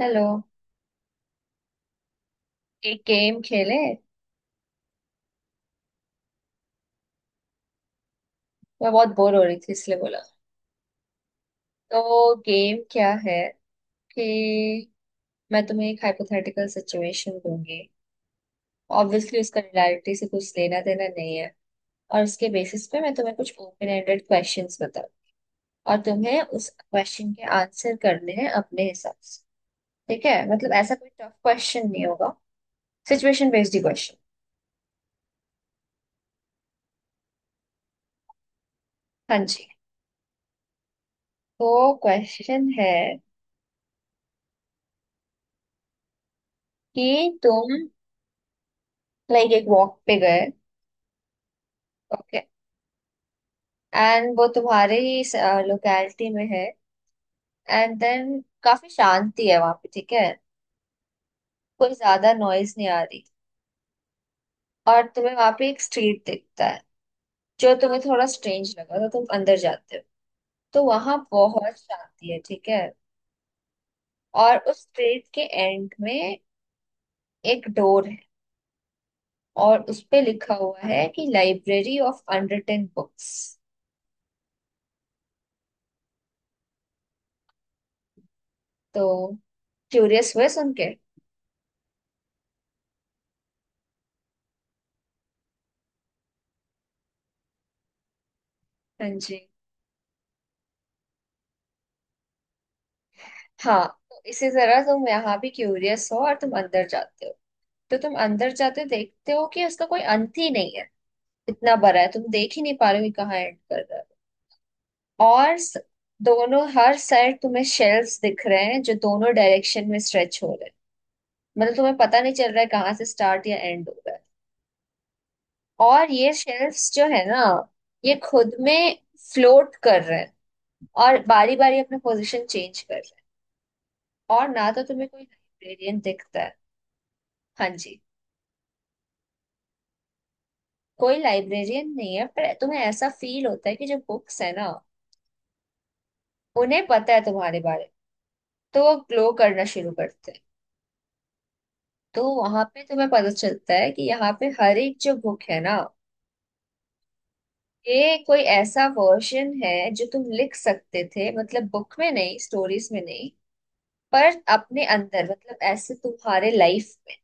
Hello. एक game खेले। मैं बहुत बोर हो रही थी इसलिए बोला। तो गेम क्या है कि मैं तुम्हें एक हाइपोथेटिकल सिचुएशन दूंगी। ऑब्वियसली उसका रियलिटी से कुछ लेना देना नहीं है, और उसके बेसिस पे मैं तुम्हें कुछ ओपन एंडेड क्वेश्चंस बताऊँ, और तुम्हें उस क्वेश्चन के आंसर करने हैं अपने हिसाब से। ठीक है, मतलब ऐसा कोई टफ क्वेश्चन नहीं होगा। सिचुएशन बेस्ड ही क्वेश्चन। हाँ जी, तो क्वेश्चन है कि तुम लाइक एक वॉक पे गए। ओके, एंड वो तुम्हारे ही लोकैलिटी में है, एंड देन काफी शांति है वहां पे, ठीक है। कोई ज्यादा नॉइज नहीं आ रही, और तुम्हें वहां पे एक स्ट्रीट दिखता है जो तुम्हें थोड़ा स्ट्रेंज लगा, तो तुम अंदर जाते हो। तो वहां बहुत शांति है, ठीक है। और उस स्ट्रीट के एंड में एक डोर है, और उस पे लिखा हुआ है कि लाइब्रेरी ऑफ अनरिटन बुक्स। तो क्यूरियस हुए सुन के। हाँ जी। हाँ, तो इसी तरह तुम यहाँ भी क्यूरियस हो और तुम अंदर जाते हो। तो तुम अंदर जाते देखते हो कि उसका कोई अंत ही नहीं है। इतना बड़ा है तुम देख ही नहीं पा रहे हो कि कहाँ एंड कर रहा है। और स- दोनों हर साइड तुम्हें शेल्व्स दिख रहे हैं जो दोनों डायरेक्शन में स्ट्रेच हो रहे हैं। मतलब तुम्हें पता नहीं चल रहा है कहाँ से स्टार्ट या एंड हो रहा है। और ये शेल्व्स जो है ना, ये खुद में फ्लोट कर रहे हैं और बारी बारी अपना पोजीशन चेंज कर रहे हैं, और ना तो तुम्हें कोई लाइब्रेरियन दिखता है। हाँ जी। कोई लाइब्रेरियन नहीं है, पर तुम्हें ऐसा फील होता है कि जो बुक्स है ना, उन्हें पता है तुम्हारे बारे में, तो वो ग्लो करना शुरू करते हैं। तो वहां पे तुम्हें पता चलता है कि यहाँ पे हर एक जो बुक है ना, ये कोई ऐसा वर्जन है जो तुम लिख सकते थे। मतलब बुक में नहीं, स्टोरीज में नहीं, पर अपने अंदर, मतलब ऐसे तुम्हारे लाइफ में,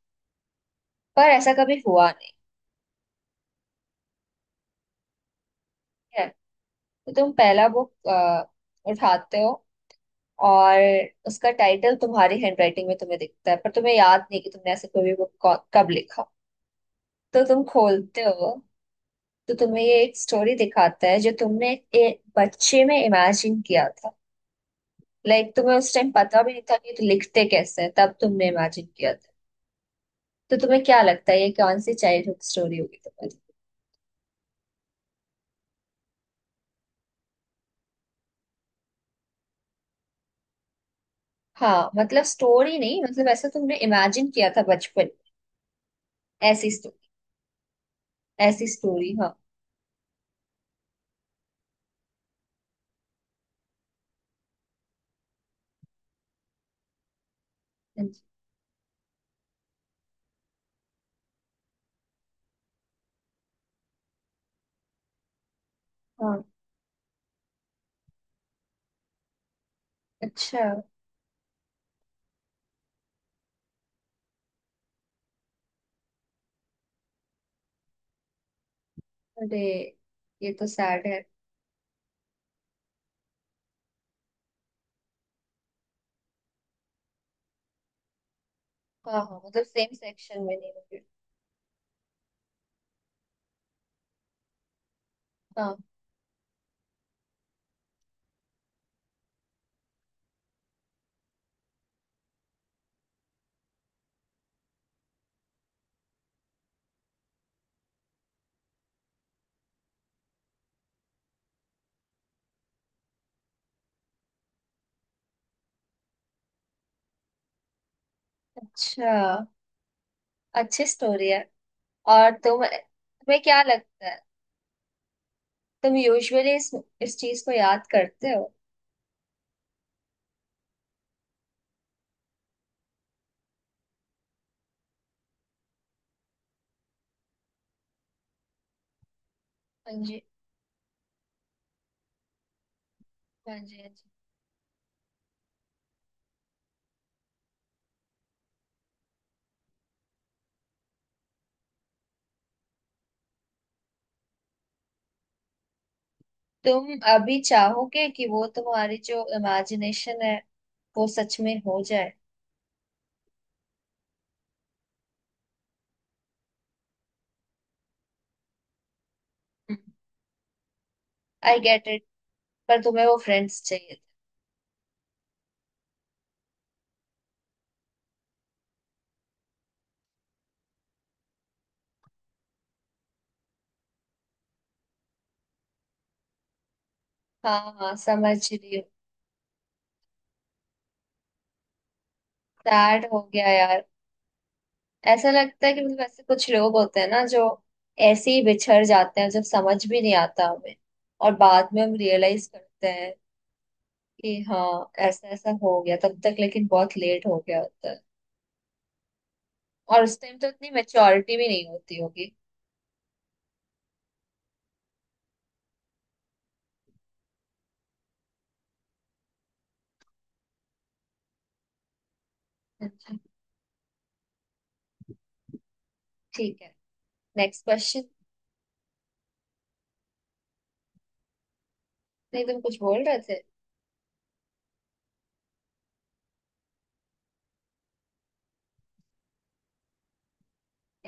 पर ऐसा कभी हुआ नहीं है। तो तुम पहला बुक उठाते हो और उसका टाइटल तुम्हारी हैंडराइटिंग में तुम्हें दिखता है, पर तुम्हें याद नहीं कि तुमने ऐसे कोई भी बुक कब लिखा। तो तुम खोलते हो, तो तुम्हें ये एक स्टोरी दिखाता है जो तुमने एक बच्चे में इमेजिन किया था। लाइक तुम्हें उस टाइम पता भी नहीं था कि तो लिखते कैसे हैं, तब तुमने इमेजिन किया था। तो तुम्हें क्या लगता है ये कौन सी चाइल्डहुड स्टोरी होगी तुम्हारी? हाँ मतलब स्टोरी नहीं, मतलब ऐसा तुमने इमेजिन किया था बचपन, ऐसी स्टोरी। ऐसी स्टोरी, हाँ। हाँ जी। हाँ। अच्छा। अरे, ये तो सैड है। हाँ हाँ, मतलब सेम सेक्शन में नहीं होगी। हाँ। अच्छा। अच्छी स्टोरी है। और तुम्हें क्या लगता है, तुम यूजुअली इस चीज को याद करते हो? हाँ जी हाँ जी हाँ जी। तुम अभी चाहोगे कि वो तुम्हारी जो इमेजिनेशन है, वो सच में हो जाए? हम्म, आई गेट इट, पर तुम्हें वो फ्रेंड्स चाहिए थे। हाँ हाँ समझ रही हूँ। सैड हो गया यार। ऐसा लगता है कि मतलब ऐसे कुछ लोग होते हैं ना जो ऐसे ही बिछड़ जाते हैं जब समझ भी नहीं आता हमें, और बाद में हम रियलाइज करते हैं कि हाँ ऐसा ऐसा हो गया, तब तक लेकिन बहुत लेट हो गया होता है। और उस टाइम तो इतनी मेच्योरिटी भी नहीं होती होगी। अच्छा, ठीक है। Next question. नहीं तुम कुछ बोल रहे थे।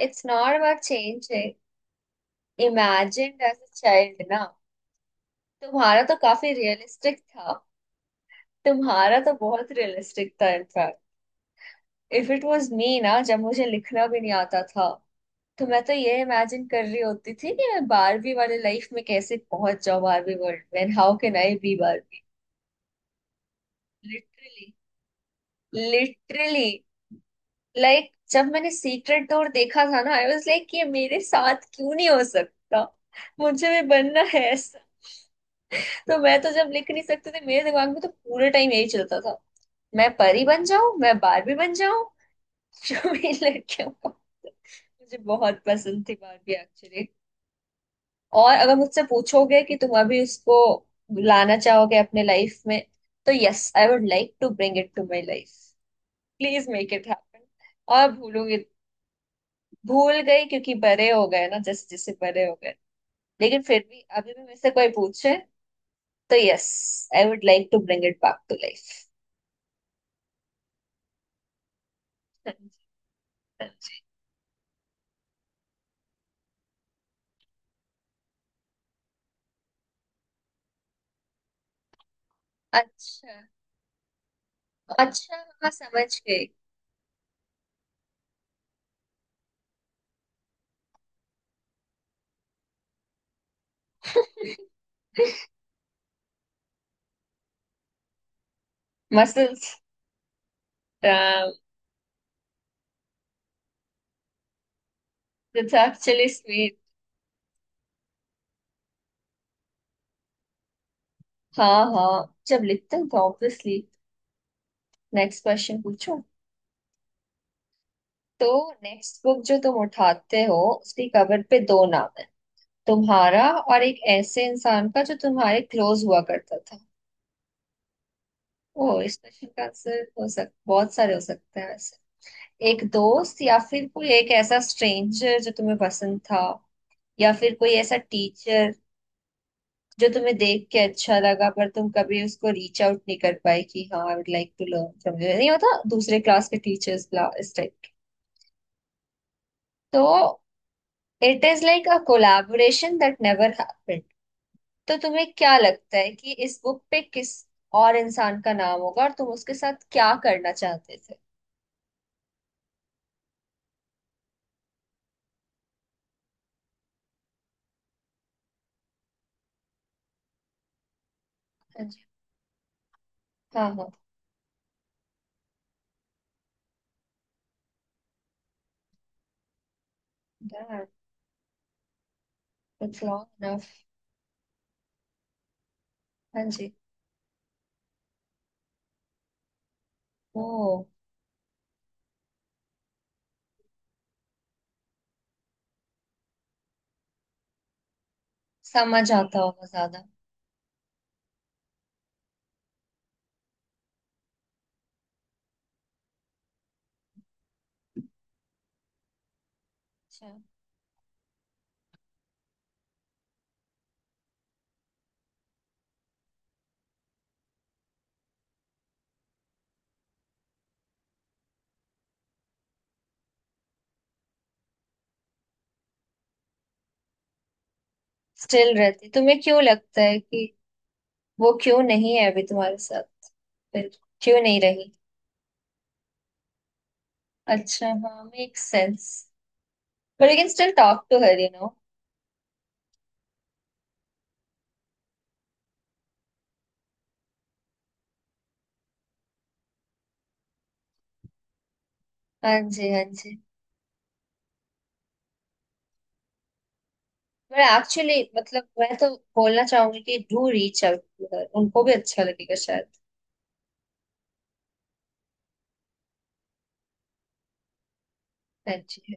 It's not about change, imagined as a child ना। तुम्हारा तो काफी रियलिस्टिक था। तुम्हारा तो बहुत रियलिस्टिक था in fact. If it was me ना, जब मुझे लिखना भी नहीं आता था, तो मैं तो ये इमेजिन कर रही होती थी कि मैं बारहवीं वाले लाइफ में कैसे पहुंच जाऊं, बारहवीं वर्ल्ड में, how can I be Barbie. Literally. Literally, like जब मैंने सीक्रेट डोर देखा था ना, आई वाज लाइक ये मेरे साथ क्यों नहीं हो सकता, मुझे भी बनना है ऐसा। तो मैं तो जब लिख नहीं सकती थी, मेरे दिमाग में तो पूरे टाइम यही चलता था, मैं परी बन जाऊं, मैं बारबी बन जाऊं। जो भी लड़कियों का। मुझे बहुत पसंद थी बारबी एक्चुअली। और अगर मुझसे पूछोगे कि तुम अभी उसको लाना चाहोगे अपने लाइफ में, तो yes, I would like to bring it to my life, please make it happen. और भूलूंगी, भूल गई क्योंकि बड़े हो गए ना, जैसे जैसे बड़े हो गए। लेकिन फिर भी अभी भी मुझसे कोई पूछे, तो yes, I would like to bring it back to life. अच्छा। अच्छा, हाँ समझ गई। मसल्स। It's actually sweet. हाँ हाँ, जब लिखते हो तो ऑब्वियसली। नेक्स्ट क्वेश्चन पूछो। तो नेक्स्ट बुक जो तुम उठाते हो, उसकी कवर पे दो नाम है, तुम्हारा और एक ऐसे इंसान का जो तुम्हारे क्लोज हुआ करता था। ओ इसमें शिनकानसेन हो सक बहुत सारे हो सकते हैं वैसे। एक दोस्त, या फिर कोई एक ऐसा स्ट्रेंजर जो तुम्हें पसंद था, या फिर कोई ऐसा टीचर जो तुम्हें देख के अच्छा लगा पर तुम कभी उसको रीच आउट नहीं कर पाए कि हाँ I would like to learn from you. नहीं होता दूसरे क्लास के टीचर्स, इस टाइप के। तो it is like a collaboration that never happened. तो तुम्हें क्या लगता है कि इस बुक पे किस और इंसान का नाम होगा और तुम उसके साथ क्या करना चाहते थे? हाँ जी। हाँ हाँ। It's long enough. हाँ जी। ओ, समझ आता होगा ज्यादा। अच्छा। स्टिल रहती, तुम्हें क्यों लगता है कि वो क्यों नहीं है अभी तुम्हारे साथ, फिर क्यों नहीं रही? अच्छा हाँ, मेक सेंस। पर you can still talk to her, you know. हाँ जी हाँ जी। पर एक्चुअली मतलब मैं तो बोलना चाहूंगी कि do reach out to her, उनको भी अच्छा लगेगा शायद। हाँ जी हाँ,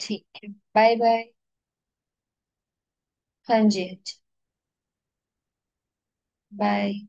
ठीक है, बाय बाय। हाँ जी हाँ जी। बाय।